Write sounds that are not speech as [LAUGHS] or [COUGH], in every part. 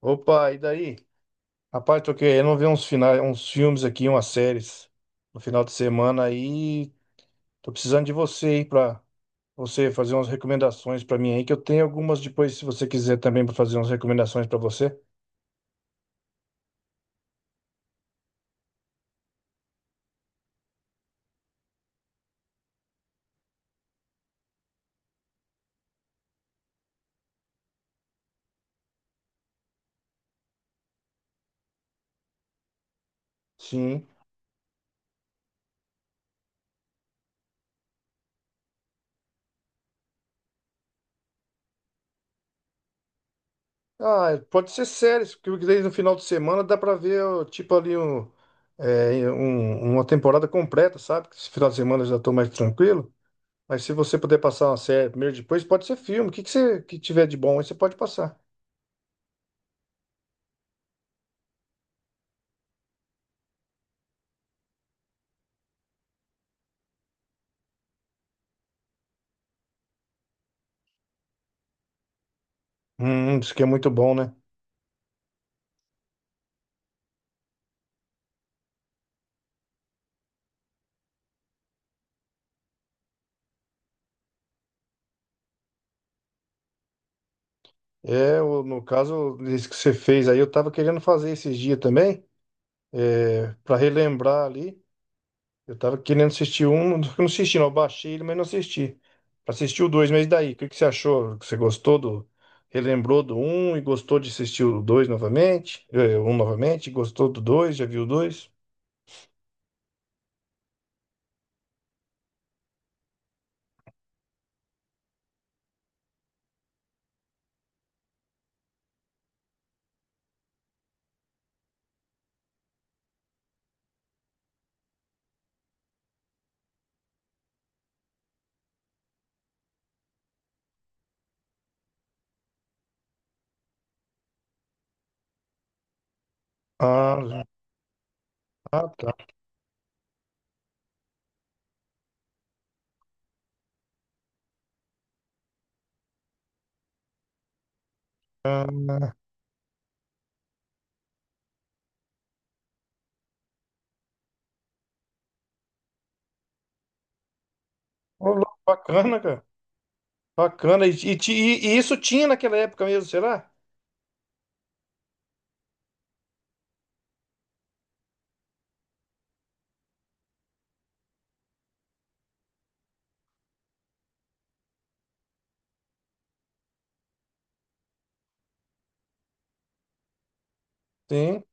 Opa, e daí? Rapaz, tô querendo ver uns finais, uns filmes aqui, umas séries no final de semana aí. Tô precisando de você aí pra você fazer umas recomendações pra mim aí, que eu tenho algumas depois, se você quiser também pra fazer umas recomendações pra você. Sim. Ah, pode ser séries, porque daí no final de semana dá pra ver, ó, tipo ali, um, é, uma temporada completa, sabe? Que Esse final de semana eu já tô mais tranquilo. Mas se você puder passar uma série primeiro, depois pode ser filme. O que que você que tiver de bom aí, você pode passar. Isso que é muito bom, né? É, no caso, esse que você fez aí, eu tava querendo fazer esses dias também, pra relembrar ali. Eu tava querendo assistir um, [LAUGHS] não assisti, não. Eu baixei ele, mas não assisti. Pra assistir o dois, mas e daí? O que que você achou? Você gostou do. Relembrou do um e gostou de assistir o dois novamente? É, um novamente? Gostou do dois? Já viu o dois? Ah, ah, tá. Ô, louco, bacana, cara. Bacana. E, e isso tinha naquela época mesmo, será? Sim,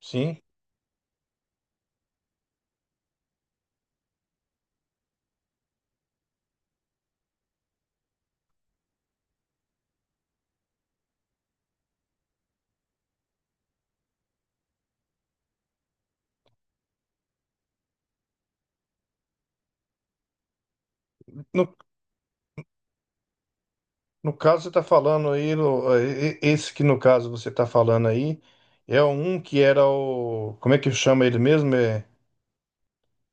sim. No, no caso, você está falando aí, esse que no caso você está falando aí, é um que era o. Como é que chama ele mesmo? É,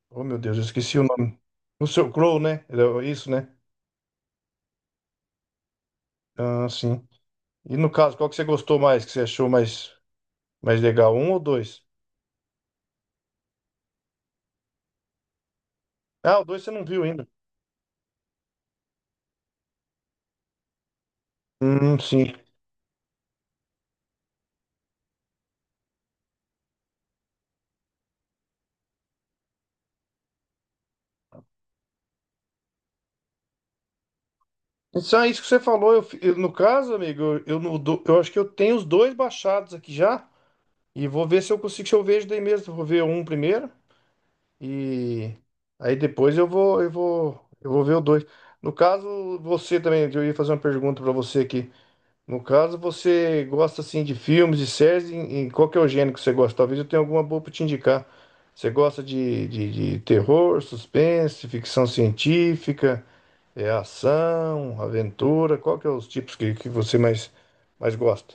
oh, meu Deus, eu esqueci o nome. O seu Crow, né? Era isso, né? Ah, sim. E no caso, qual que você gostou mais, que você achou mais, mais legal? Um ou dois? Ah, o dois você não viu ainda. Sim. Isso é isso que você falou. No caso, amigo, eu, no do- eu acho que eu tenho os dois baixados aqui já. E vou ver se eu consigo, se eu vejo daí mesmo. Vou ver um primeiro e aí depois eu vou ver o dois. No caso, você também, eu ia fazer uma pergunta pra você aqui. No caso, você gosta assim de filmes, de séries, em qual que é o gênero que você gosta? Talvez eu tenha alguma boa pra te indicar. Você gosta de terror, suspense, ficção científica, é, ação, aventura? Qual que é os tipos que você mais, mais gosta?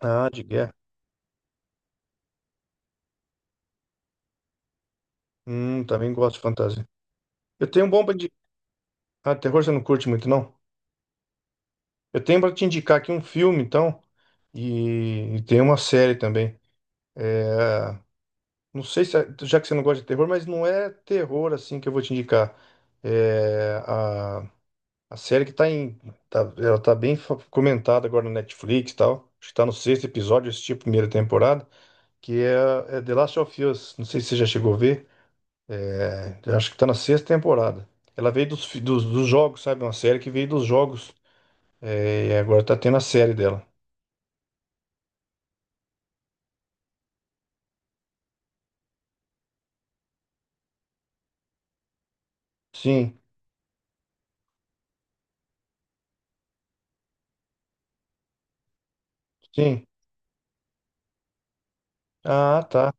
Ah, de guerra. Também gosto de fantasia. Eu tenho um bom pra ah, terror você não curte muito, não? Eu tenho pra te indicar aqui um filme, então, e tem uma série também. É, não sei se, é- já que você não gosta de terror, mas não é terror assim que eu vou te indicar. É, a série que tá em. Ela tá bem comentada agora no Netflix e tal. Acho que tá no sexto episódio, eu assisti a primeira temporada, é The Last of Us. Não sei se você já chegou a ver. É, acho que tá na sexta temporada. Ela veio dos jogos, sabe? Uma série que veio dos jogos. É, e agora tá tendo a série dela. Sim, sim. Ah, tá.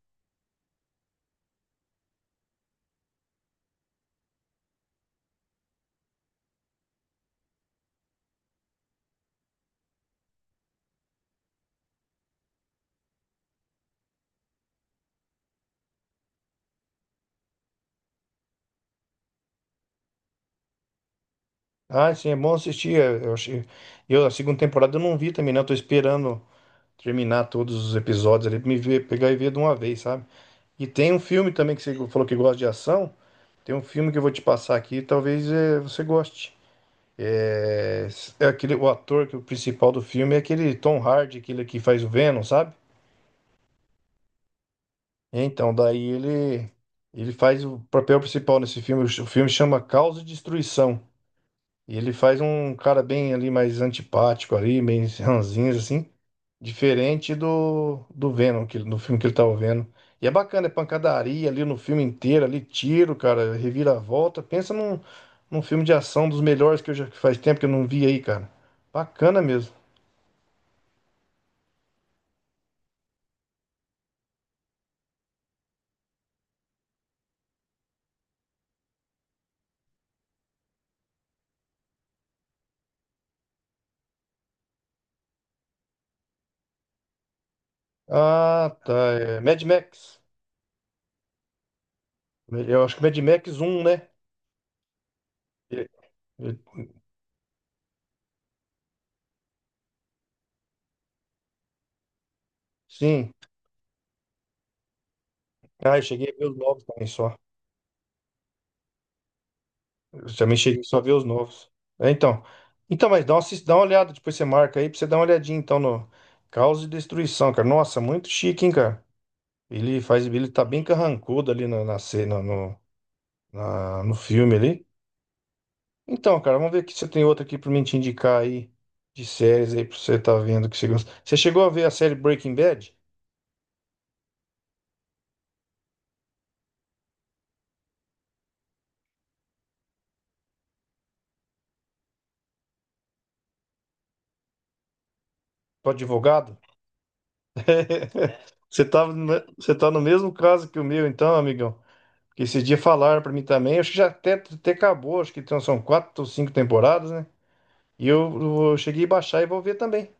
Ah, sim, é bom assistir. É, eu achei... eu, a segunda temporada eu não vi também, não. Eu tô esperando terminar todos os episódios ali pegar e ver de uma vez, sabe? E tem um filme também que você falou que gosta de ação. Tem um filme que eu vou te passar aqui, talvez é, você goste. É, é aquele, o ator que o principal do filme é aquele Tom Hardy, aquele que faz o Venom, sabe? Então, daí ele faz o papel principal nesse filme. O filme chama Caos e Destruição. E ele faz um cara bem ali mais antipático ali, bem [LAUGHS] ranzinhos assim, diferente do Venom, que, do filme que ele tava vendo. E é bacana, é pancadaria ali no filme inteiro, ali tiro, cara, reviravolta. Pensa num filme de ação dos melhores que eu já que faz tempo que eu não vi aí, cara. Bacana mesmo. Ah, tá, é Mad Max. Eu acho que Mad Max um, né? Ele- ele- Sim. Ah, eu cheguei a ver os novos também só. Eu também cheguei só a ver os novos. É, então. Então, mas dá uma, dá uma olhada, depois você marca aí pra você dar uma olhadinha, então, no Caos e Destruição, cara. Nossa, muito chique, hein, cara? Ele tá bem carrancudo ali na cena, no, no filme ali. Então, cara, vamos ver aqui se você tem outra aqui pra mim te indicar aí, de séries aí, pra você tá vendo que você gosta. Você chegou a ver a série Breaking Bad? Do advogado? [LAUGHS] Você tá, você tá no mesmo caso que o meu, então, amigão. Porque esse dia falaram pra mim também, acho que já até, até acabou, acho que então são quatro ou cinco temporadas, né? E eu cheguei a baixar e vou ver também.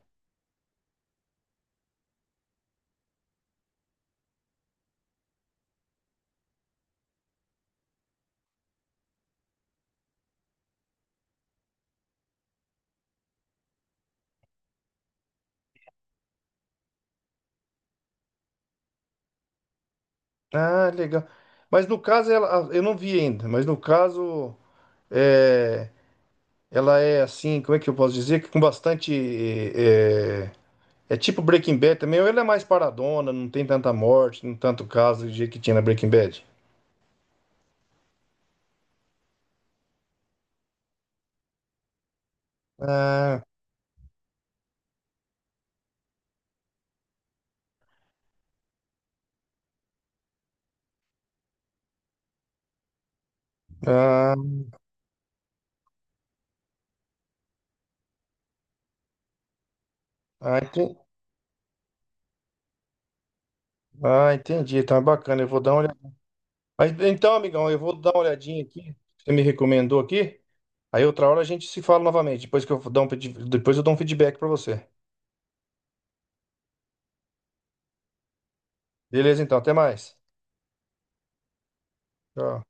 Ah, legal. Mas no caso, ela, eu não vi ainda, mas no caso, é, ela é assim, como é que eu posso dizer? Que Com bastante. É tipo Breaking Bad também, ou ela é mais paradona, não tem tanta morte, não tanto caso do jeito que tinha na Breaking Bad. Ah, ah, ah, ah, entendi. Tá bacana, eu vou dar uma mas, então, amigão, eu vou dar uma olhadinha aqui que você me recomendou aqui. Aí outra hora a gente se fala novamente. Depois que eu dar um, depois eu dou um feedback pra você. Beleza, então, até mais. Tchau.